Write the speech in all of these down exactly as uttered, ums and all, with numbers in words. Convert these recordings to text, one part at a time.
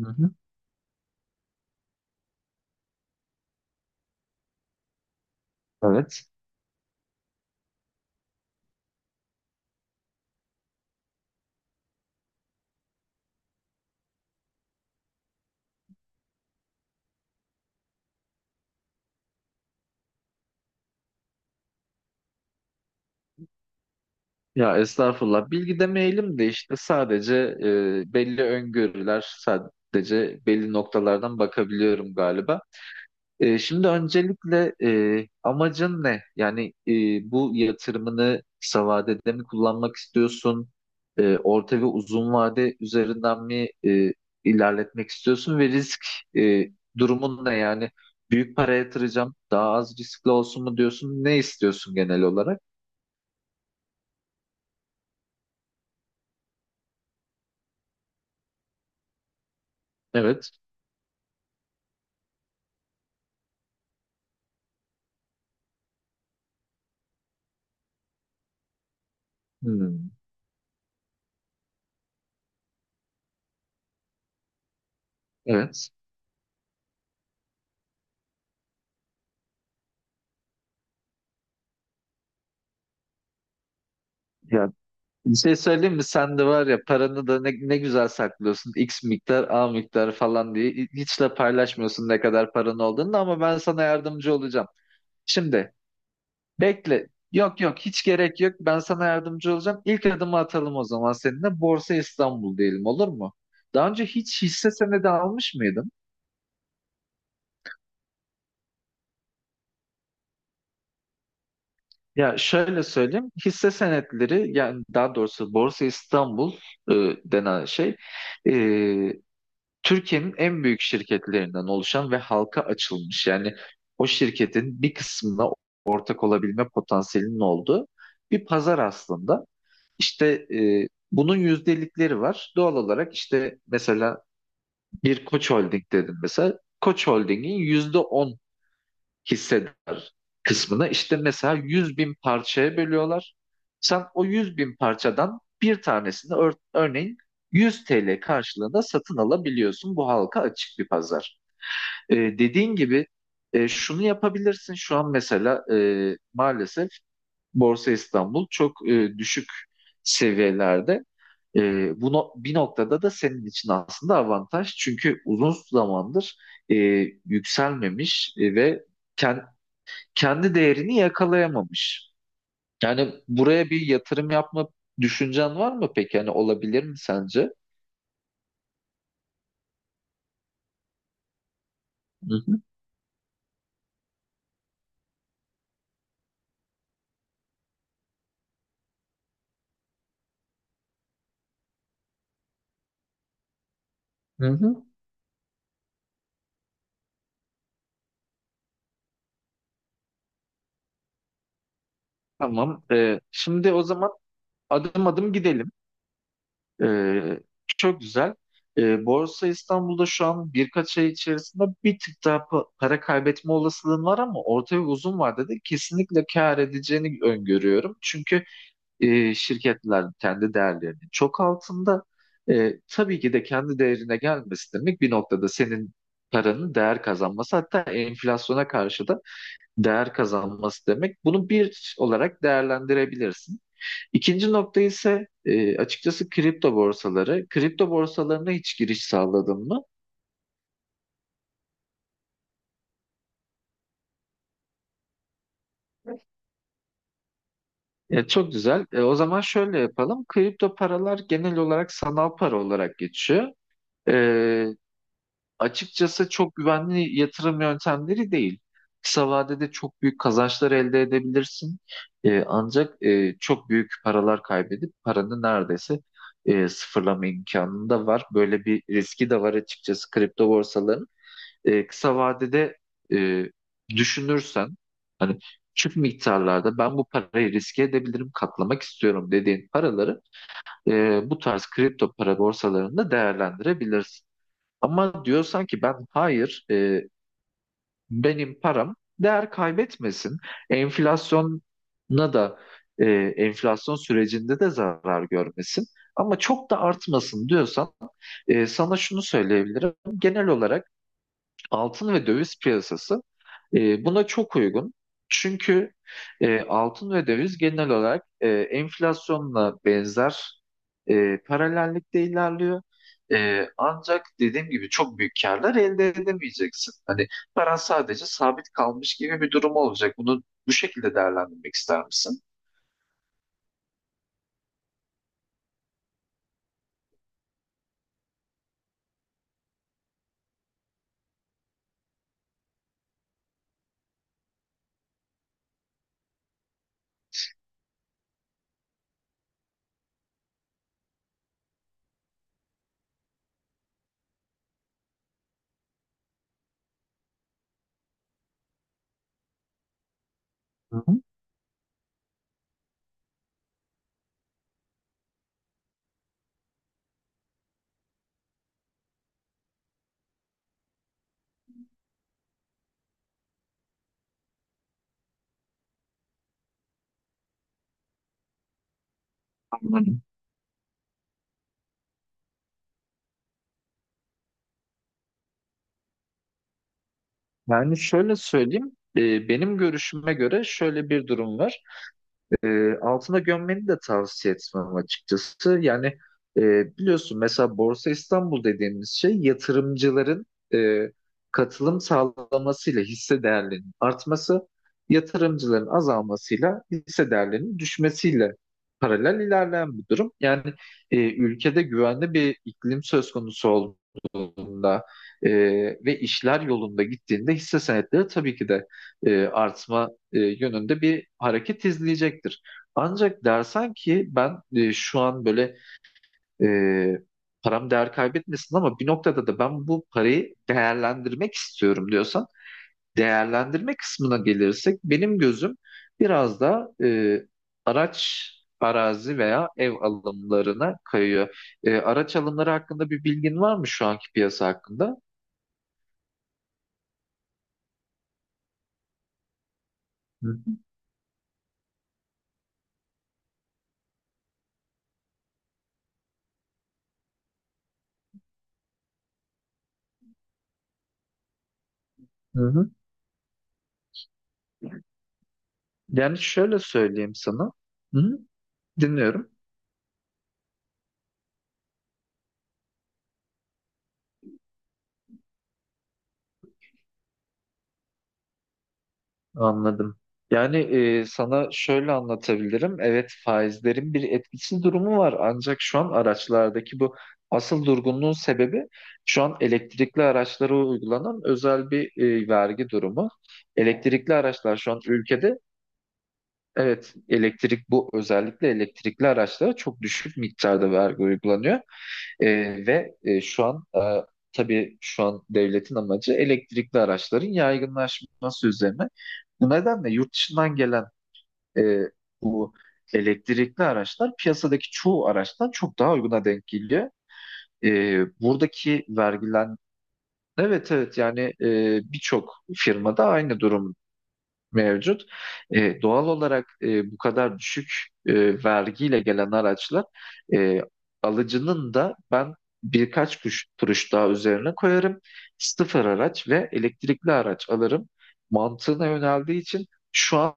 Hı hı. Evet. Ya estağfurullah. Bilgi demeyelim de işte sadece e, belli öngörüler, sadece belli noktalardan bakabiliyorum galiba. E, şimdi öncelikle e, amacın ne? Yani e, bu yatırımını kısa vadede mi kullanmak istiyorsun? E, orta ve uzun vade üzerinden mi e, ilerletmek istiyorsun? Ve risk e, durumun ne? Yani büyük para yatıracağım, daha az riskli olsun mu diyorsun? Ne istiyorsun genel olarak? Evet. Hmm, evet. Ya bir şey söyleyeyim mi? Sen de var ya paranı da ne, ne güzel saklıyorsun. X miktar, A miktar falan diye. Hiç de paylaşmıyorsun ne kadar paran olduğunu ama ben sana yardımcı olacağım. Şimdi bekle. Yok yok hiç gerek yok. Ben sana yardımcı olacağım. İlk adımı atalım o zaman seninle. Borsa İstanbul diyelim olur mu? Daha önce hiç hisse senedi almış mıydın? Ya şöyle söyleyeyim. Hisse senetleri yani daha doğrusu Borsa İstanbul e, denen şey Türkiye'nin en büyük şirketlerinden oluşan ve halka açılmış yani o şirketin bir kısmına ortak olabilme potansiyelinin olduğu bir pazar aslında. İşte e, bunun yüzdelikleri var. Doğal olarak işte mesela bir Koç Holding dedim mesela. Koç Holding'in yüzde on hisseder kısmını işte mesela yüz bin parçaya bölüyorlar. Sen o yüz bin parçadan bir tanesini ör- örneğin yüz T L karşılığında satın alabiliyorsun. Bu halka açık bir pazar. Ee, dediğin gibi e, şunu yapabilirsin. Şu an mesela e, maalesef Borsa İstanbul çok e, düşük seviyelerde. E, bu no- bir noktada da senin için aslında avantaj. Çünkü uzun zamandır e, yükselmemiş e, ve kendi kendi değerini yakalayamamış. Yani buraya bir yatırım yapma düşüncen var mı peki? Yani olabilir mi sence? Hı hı. Hı hı. Tamam. Ee, şimdi o zaman adım adım gidelim. Ee, çok güzel. Ee, Borsa İstanbul'da şu an birkaç ay içerisinde bir tık daha pa- para kaybetme olasılığın var ama orta ve uzun vadede kesinlikle kâr edeceğini öngörüyorum. Çünkü e, şirketlerin kendi değerlerinin çok altında. E, tabii ki de kendi değerine gelmesi demek bir noktada senin paranın değer kazanması hatta enflasyona karşı da değer kazanması demek. Bunu bir olarak değerlendirebilirsin. İkinci nokta ise e, açıkçası kripto borsaları. Kripto borsalarına hiç giriş sağladın mı? Ya çok güzel. E, o zaman şöyle yapalım. Kripto paralar genel olarak sanal para olarak geçiyor. E, açıkçası çok güvenli yatırım yöntemleri değil. Kısa vadede çok büyük kazançlar elde edebilirsin. Ee, ancak e, çok büyük paralar kaybedip paranı neredeyse e, sıfırlama imkanın da var. Böyle bir riski de var açıkçası kripto borsaların. Ee, kısa vadede e, düşünürsen hani küçük miktarlarda ben bu parayı riske edebilirim, katlamak istiyorum dediğin paraları e, bu tarz kripto para borsalarında değerlendirebilirsin. Ama diyorsan ki ben hayır e, benim param değer kaybetmesin. Enflasyona da e, enflasyon sürecinde de zarar görmesin. Ama çok da artmasın diyorsan e, sana şunu söyleyebilirim. Genel olarak altın ve döviz piyasası e, buna çok uygun. Çünkü e, altın ve döviz genel olarak e, enflasyonla benzer e, paralellikte ilerliyor. E, ancak dediğim gibi çok büyük karlar elde edemeyeceksin. Hani paran sadece sabit kalmış gibi bir durum olacak. Bunu bu şekilde değerlendirmek ister misin? Hı hı, anladım. Yani şöyle söyleyeyim, e, benim görüşüme göre şöyle bir durum var. e, altına gömmeni de tavsiye etmem açıkçası. Yani e, biliyorsun mesela Borsa İstanbul dediğimiz şey yatırımcıların e, katılım sağlamasıyla hisse değerlerinin artması, yatırımcıların azalmasıyla hisse değerlerinin düşmesiyle paralel ilerleyen bir durum. Yani e, ülkede güvenli bir iklim söz konusu olduğunda e, ve işler yolunda gittiğinde hisse senetleri tabii ki de e, artma e, yönünde bir hareket izleyecektir. Ancak dersen ki ben e, şu an böyle e, param değer kaybetmesin ama bir noktada da ben bu parayı değerlendirmek istiyorum diyorsan değerlendirme kısmına gelirsek benim gözüm biraz da e, araç arazi veya ev alımlarına kayıyor. E, araç alımları hakkında bir bilgin var mı şu anki piyasa hakkında? Hı hı. Hı hı. Yani şöyle söyleyeyim sana. Hı hı. Dinliyorum. Anladım. Yani e, sana şöyle anlatabilirim. Evet faizlerin bir etkisi durumu var. Ancak şu an araçlardaki bu asıl durgunluğun sebebi şu an elektrikli araçlara uygulanan özel bir e, vergi durumu. Elektrikli araçlar şu an ülkede, evet, elektrik bu özellikle elektrikli araçlara çok düşük miktarda vergi uygulanıyor. Ee, ve e, şu an e, tabii şu an devletin amacı elektrikli araçların yaygınlaşması üzerine. Bu nedenle yurt dışından gelen e, bu elektrikli araçlar piyasadaki çoğu araçtan çok daha uyguna denk geliyor. E, buradaki vergilen Evet evet yani e, birçok firmada aynı durum mevcut. E, doğal olarak e, bu kadar düşük e, vergiyle gelen araçlar e, alıcının da ben birkaç kuruş, kuruş daha üzerine koyarım. Sıfır araç ve elektrikli araç alırım mantığına yöneldiği için şu an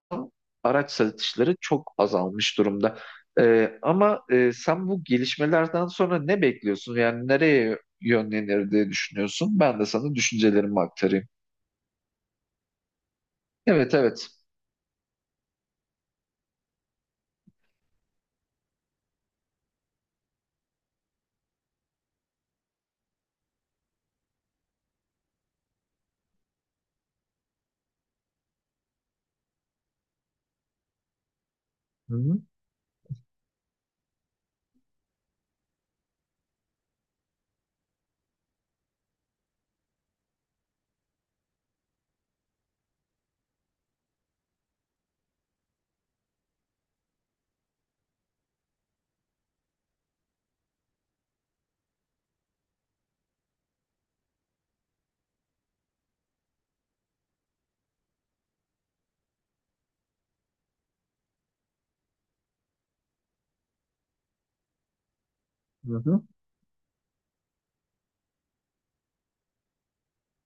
araç satışları çok azalmış durumda. E, ama e, sen bu gelişmelerden sonra ne bekliyorsun? Yani nereye yönlenir diye düşünüyorsun? Ben de sana düşüncelerimi aktarayım. Evet evet. Hı hı. Hı hı.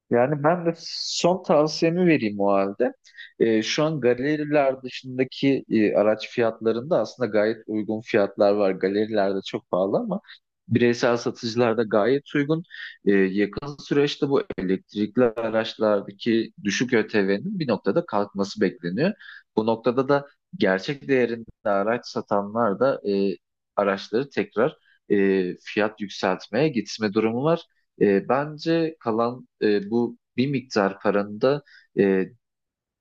Yani ben de son tavsiyemi vereyim o halde. Ee, şu an galeriler dışındaki e, araç fiyatlarında aslında gayet uygun fiyatlar var. Galerilerde çok pahalı ama bireysel satıcılarda gayet uygun. Ee, yakın süreçte bu elektrikli araçlardaki düşük Ö T V'nin bir noktada kalkması bekleniyor. Bu noktada da gerçek değerinde araç satanlar da e, araçları tekrar e, fiyat yükseltmeye gitme durumu var. E, bence kalan e, bu bir miktar paranı da e,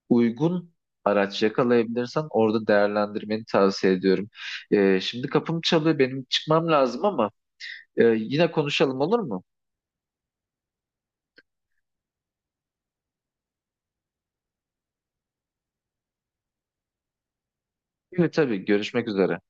uygun araç yakalayabilirsen orada değerlendirmeni tavsiye ediyorum. E, şimdi kapım çalıyor, benim çıkmam lazım ama e, yine konuşalım olur mu? Evet tabii, görüşmek üzere.